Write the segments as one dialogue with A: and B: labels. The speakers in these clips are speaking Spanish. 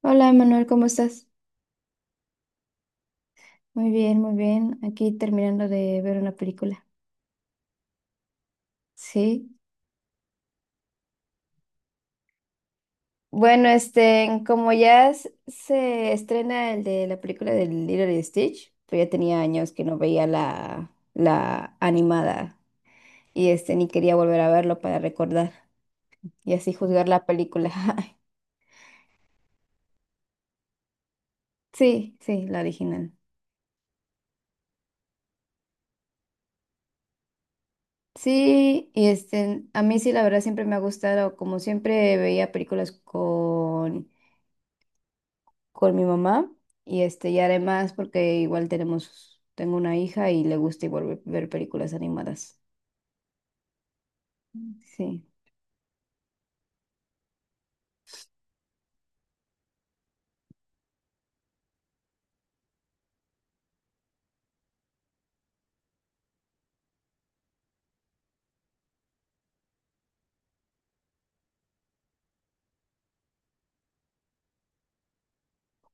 A: Hola, Manuel, ¿cómo estás? Muy bien, muy bien. Aquí terminando de ver una película. Sí. Como ya se estrena el de la película del Lilo y Stitch, pues ya tenía años que no veía la animada y ni quería volver a verlo para recordar y así juzgar la película. Sí, sí, la original. Sí, y a mí sí, la verdad siempre me ha gustado, como siempre veía películas con mi mamá y y además porque igual tenemos tengo una hija y le gusta igual ver películas animadas. Sí.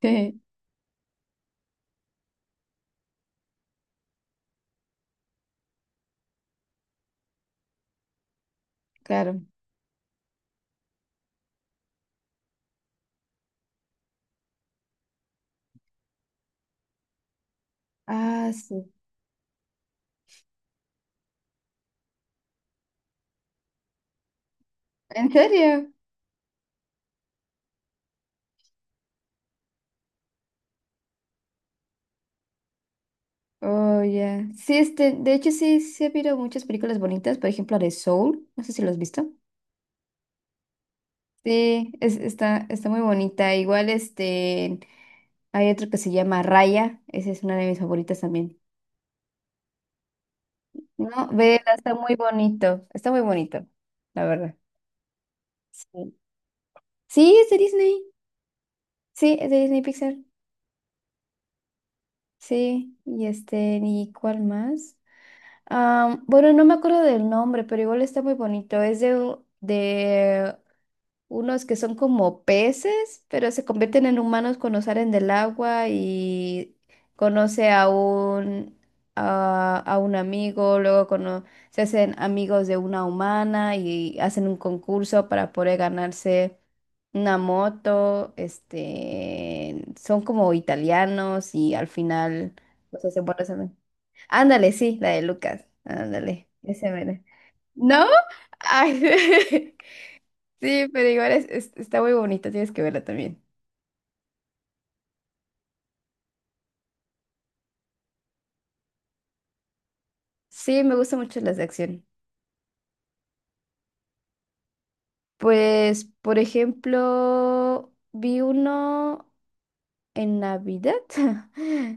A: Claro. Ah, sí. ¿En serio? Oh, ya. Sí, este, de hecho sí ha habido muchas películas bonitas, por ejemplo, la de Soul, no sé si lo has visto. Sí, es, está muy bonita. Igual este hay otro que se llama Raya, esa es una de mis favoritas también. No, vela, está muy bonito, la verdad. Sí. Sí, es de Disney. Sí, es de Disney Pixar. Sí, y este, ¿y cuál más? Am, bueno, no me acuerdo del nombre, pero igual está muy bonito. Es de unos que son como peces, pero se convierten en humanos cuando salen del agua y conoce a a un amigo, luego se hacen amigos de una humana y hacen un concurso para poder ganarse una moto, este, son como italianos y al final, pues se buenos amigos. Ándale, sí, la de Lucas, ándale, ese mero. ¿No? Ay. Sí, pero igual está muy bonita, tienes que verla también. Sí, me gustan mucho las de acción. Pues, por ejemplo, vi uno en Navidad,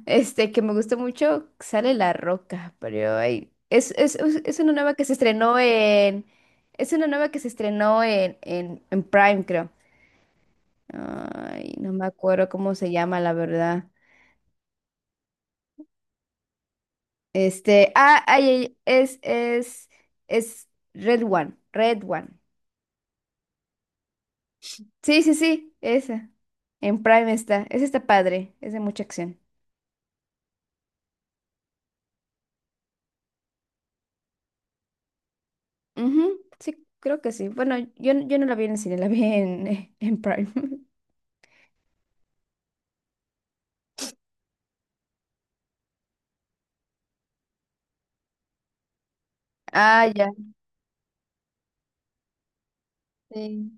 A: este, que me gustó mucho, sale La Roca, pero ay, es una nueva que se estrenó es una nueva que se estrenó en Prime, creo. Ay, no me acuerdo cómo se llama, la verdad. Este, ah, ay, ay, es Red One, Red One. Sí, sí, sí, esa. En Prime está. Esa está padre, es de mucha acción. Ujú. Sí, creo que sí. Bueno, yo no la vi en el cine, la vi en, en Prime. Ah, ya. Sí.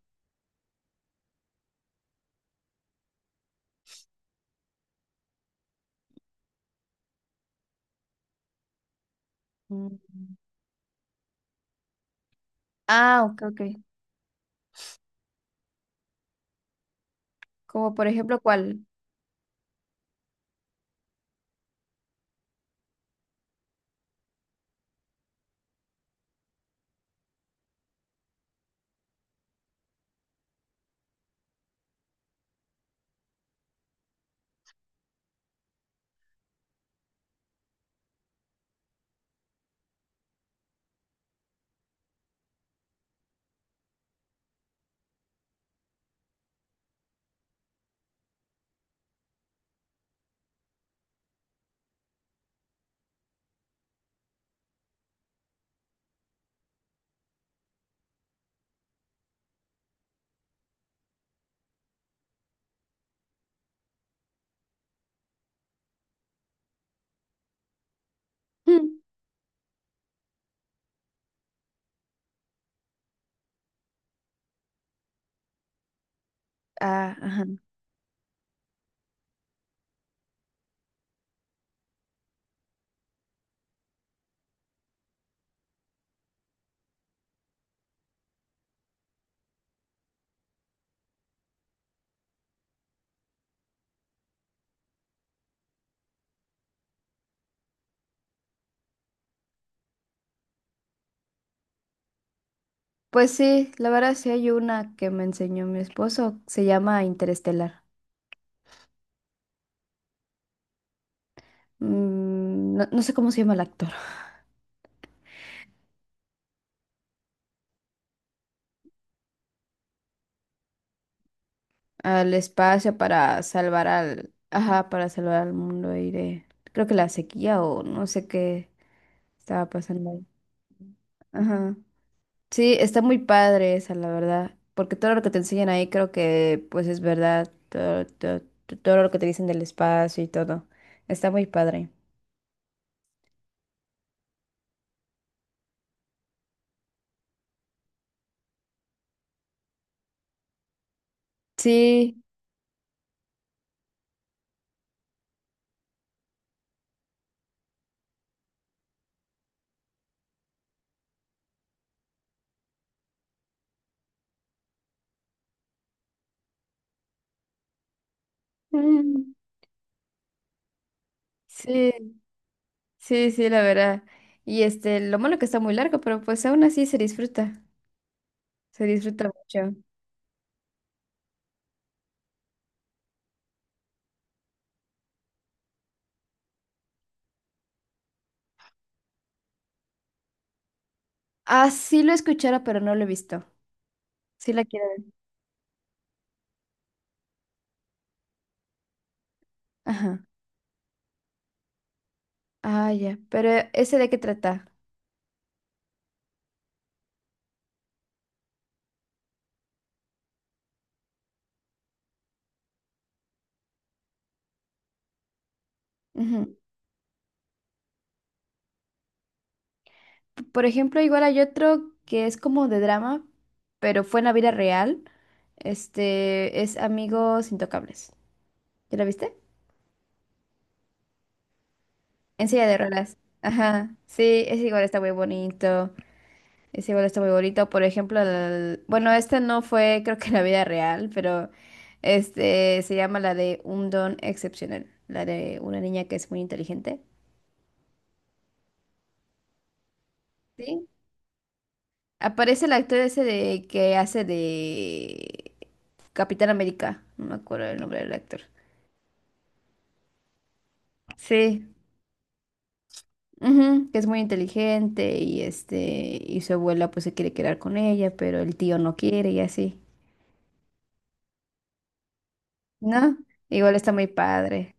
A: Mm. Ah, ok, ok. Como por ejemplo, ¿cuál? Hmm. Ah, ajá. Pues sí, la verdad sí hay una que me enseñó mi esposo, se llama Interestelar. Mm, no, no sé cómo se llama el actor. Al espacio para salvar al, ajá, para salvar al mundo y de, creo que la sequía o no sé qué estaba pasando ahí. Ajá. Sí, está muy padre esa, la verdad, porque todo lo que te enseñan ahí creo que pues es verdad, todo lo que te dicen del espacio y todo. Está muy padre. Sí. Mm. sí, sí, la verdad. Y este, lo malo que está muy largo, pero pues aún así se disfruta mucho. Ah, sí lo escuchara, pero no lo he visto. Sí la quiero ver. Ajá. Ah, ya. Pero ese de qué trata. Ujú. Por ejemplo, igual hay otro que es como de drama, pero fue en la vida real. Este es Amigos Intocables. ¿Ya la viste? En silla de ruedas. Ajá. Sí, ese igual está muy bonito. Ese igual está muy bonito. Por ejemplo, bueno, esta no fue, creo que en la vida real, pero este se llama la de un don excepcional. La de una niña que es muy inteligente. Sí. Aparece el actor ese de que hace de Capitán América. No me acuerdo el nombre del actor. Sí. Ujú, que es muy inteligente y este y su abuela pues se quiere quedar con ella, pero el tío no quiere y así. ¿No? Igual está muy padre.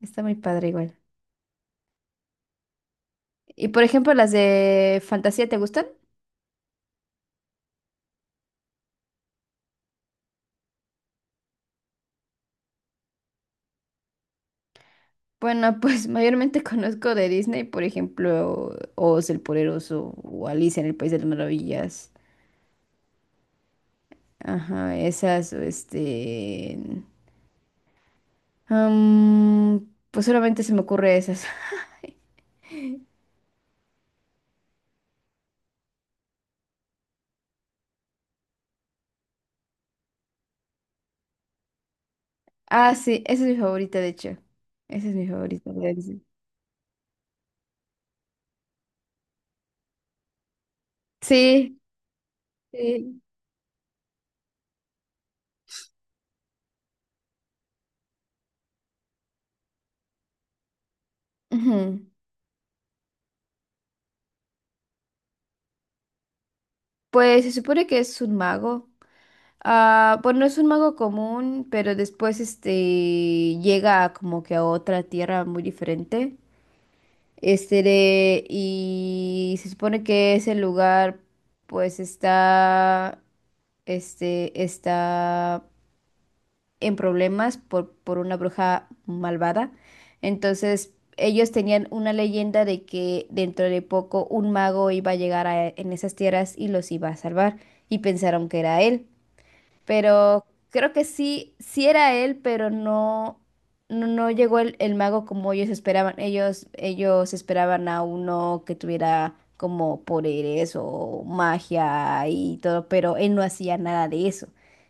A: Está muy padre igual. Y por ejemplo, las de fantasía, ¿te gustan? Bueno, pues mayormente conozco de Disney, por ejemplo, Oz el Poderoso o Alicia en el País de las Maravillas. Ajá, esas, o este, am, pues solamente se me ocurre esas. Ah, sí, esa es mi favorita, de hecho. Esa es mi favorita de Disney. Sí, sí. Ujú. Pues se supone que es un mago. Ah, bueno, es un mago común, pero después este llega como que a otra tierra muy diferente. Y se supone que ese lugar pues está está en problemas por una bruja malvada. Entonces, ellos tenían una leyenda de que dentro de poco un mago iba a llegar en esas tierras y los iba a salvar, y pensaron que era él. Pero creo que sí, sí era él, pero no llegó el mago como ellos esperaban. Ellos esperaban a uno que tuviera como poderes o magia y todo, pero él no hacía nada de eso.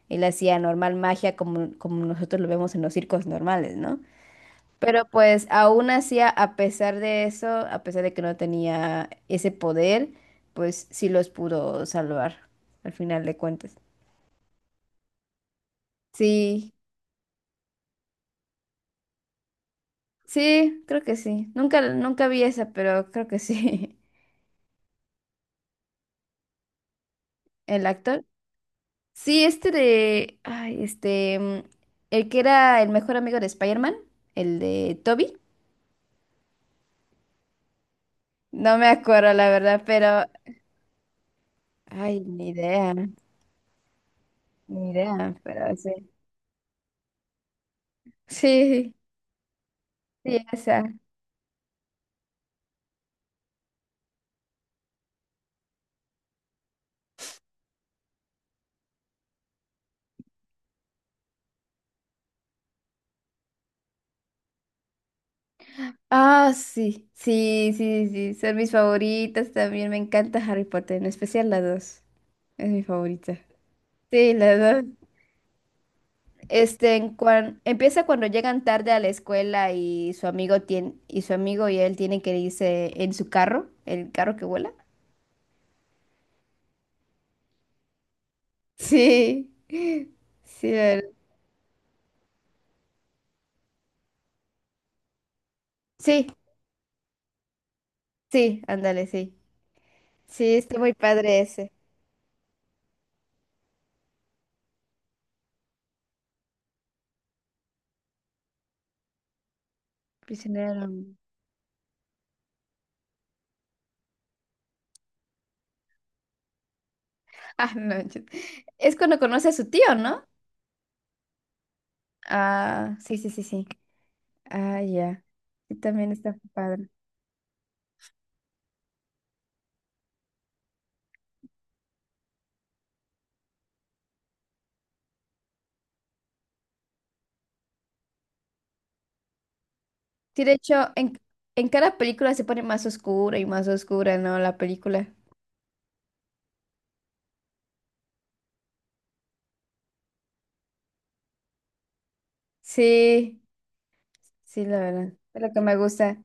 A: Él hacía normal magia como, como nosotros lo vemos en los circos normales, ¿no? Pero pues aún así, a pesar de eso, a pesar de que no tenía ese poder, pues sí los pudo salvar al final de cuentas. Sí. Sí, creo que sí. Nunca vi esa, pero creo que sí. El actor. Sí, este de. Ay, este. Mm, el que era el mejor amigo de Spider-Man, el de Toby. No me acuerdo, la verdad, pero. Ay, ni idea. Ni idea, pero sí. Sí, sí, esa. Ah, sí. Sí, sí, sí. Son mis favoritas también. Me encanta Harry Potter, en especial la dos. Es mi favorita. Sí, la dos. Este, empieza cuando llegan tarde a la escuela y su amigo tiene, y su amigo y él tienen que irse en su carro, el carro que vuela. Sí, sí, sí, sí, ándale, sí. Sí, está muy padre ese. Prisionero. Ah, no, yo- es cuando conoce a su tío, ¿no? Ah, sí, sí, sí, sí. Ah, ya. Sí, también está padre. Sí, de hecho, en cada película se pone más oscura y más oscura, ¿no? La película. Sí. Sí, la verdad. Es lo que me gusta.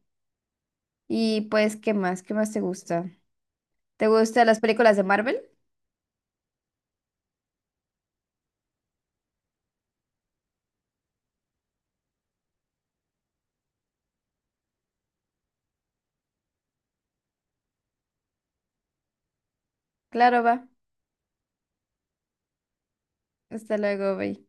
A: Y pues, ¿qué más? ¿Qué más te gusta? ¿Te gustan las películas de Marvel? Claro, va. Hasta luego, bye.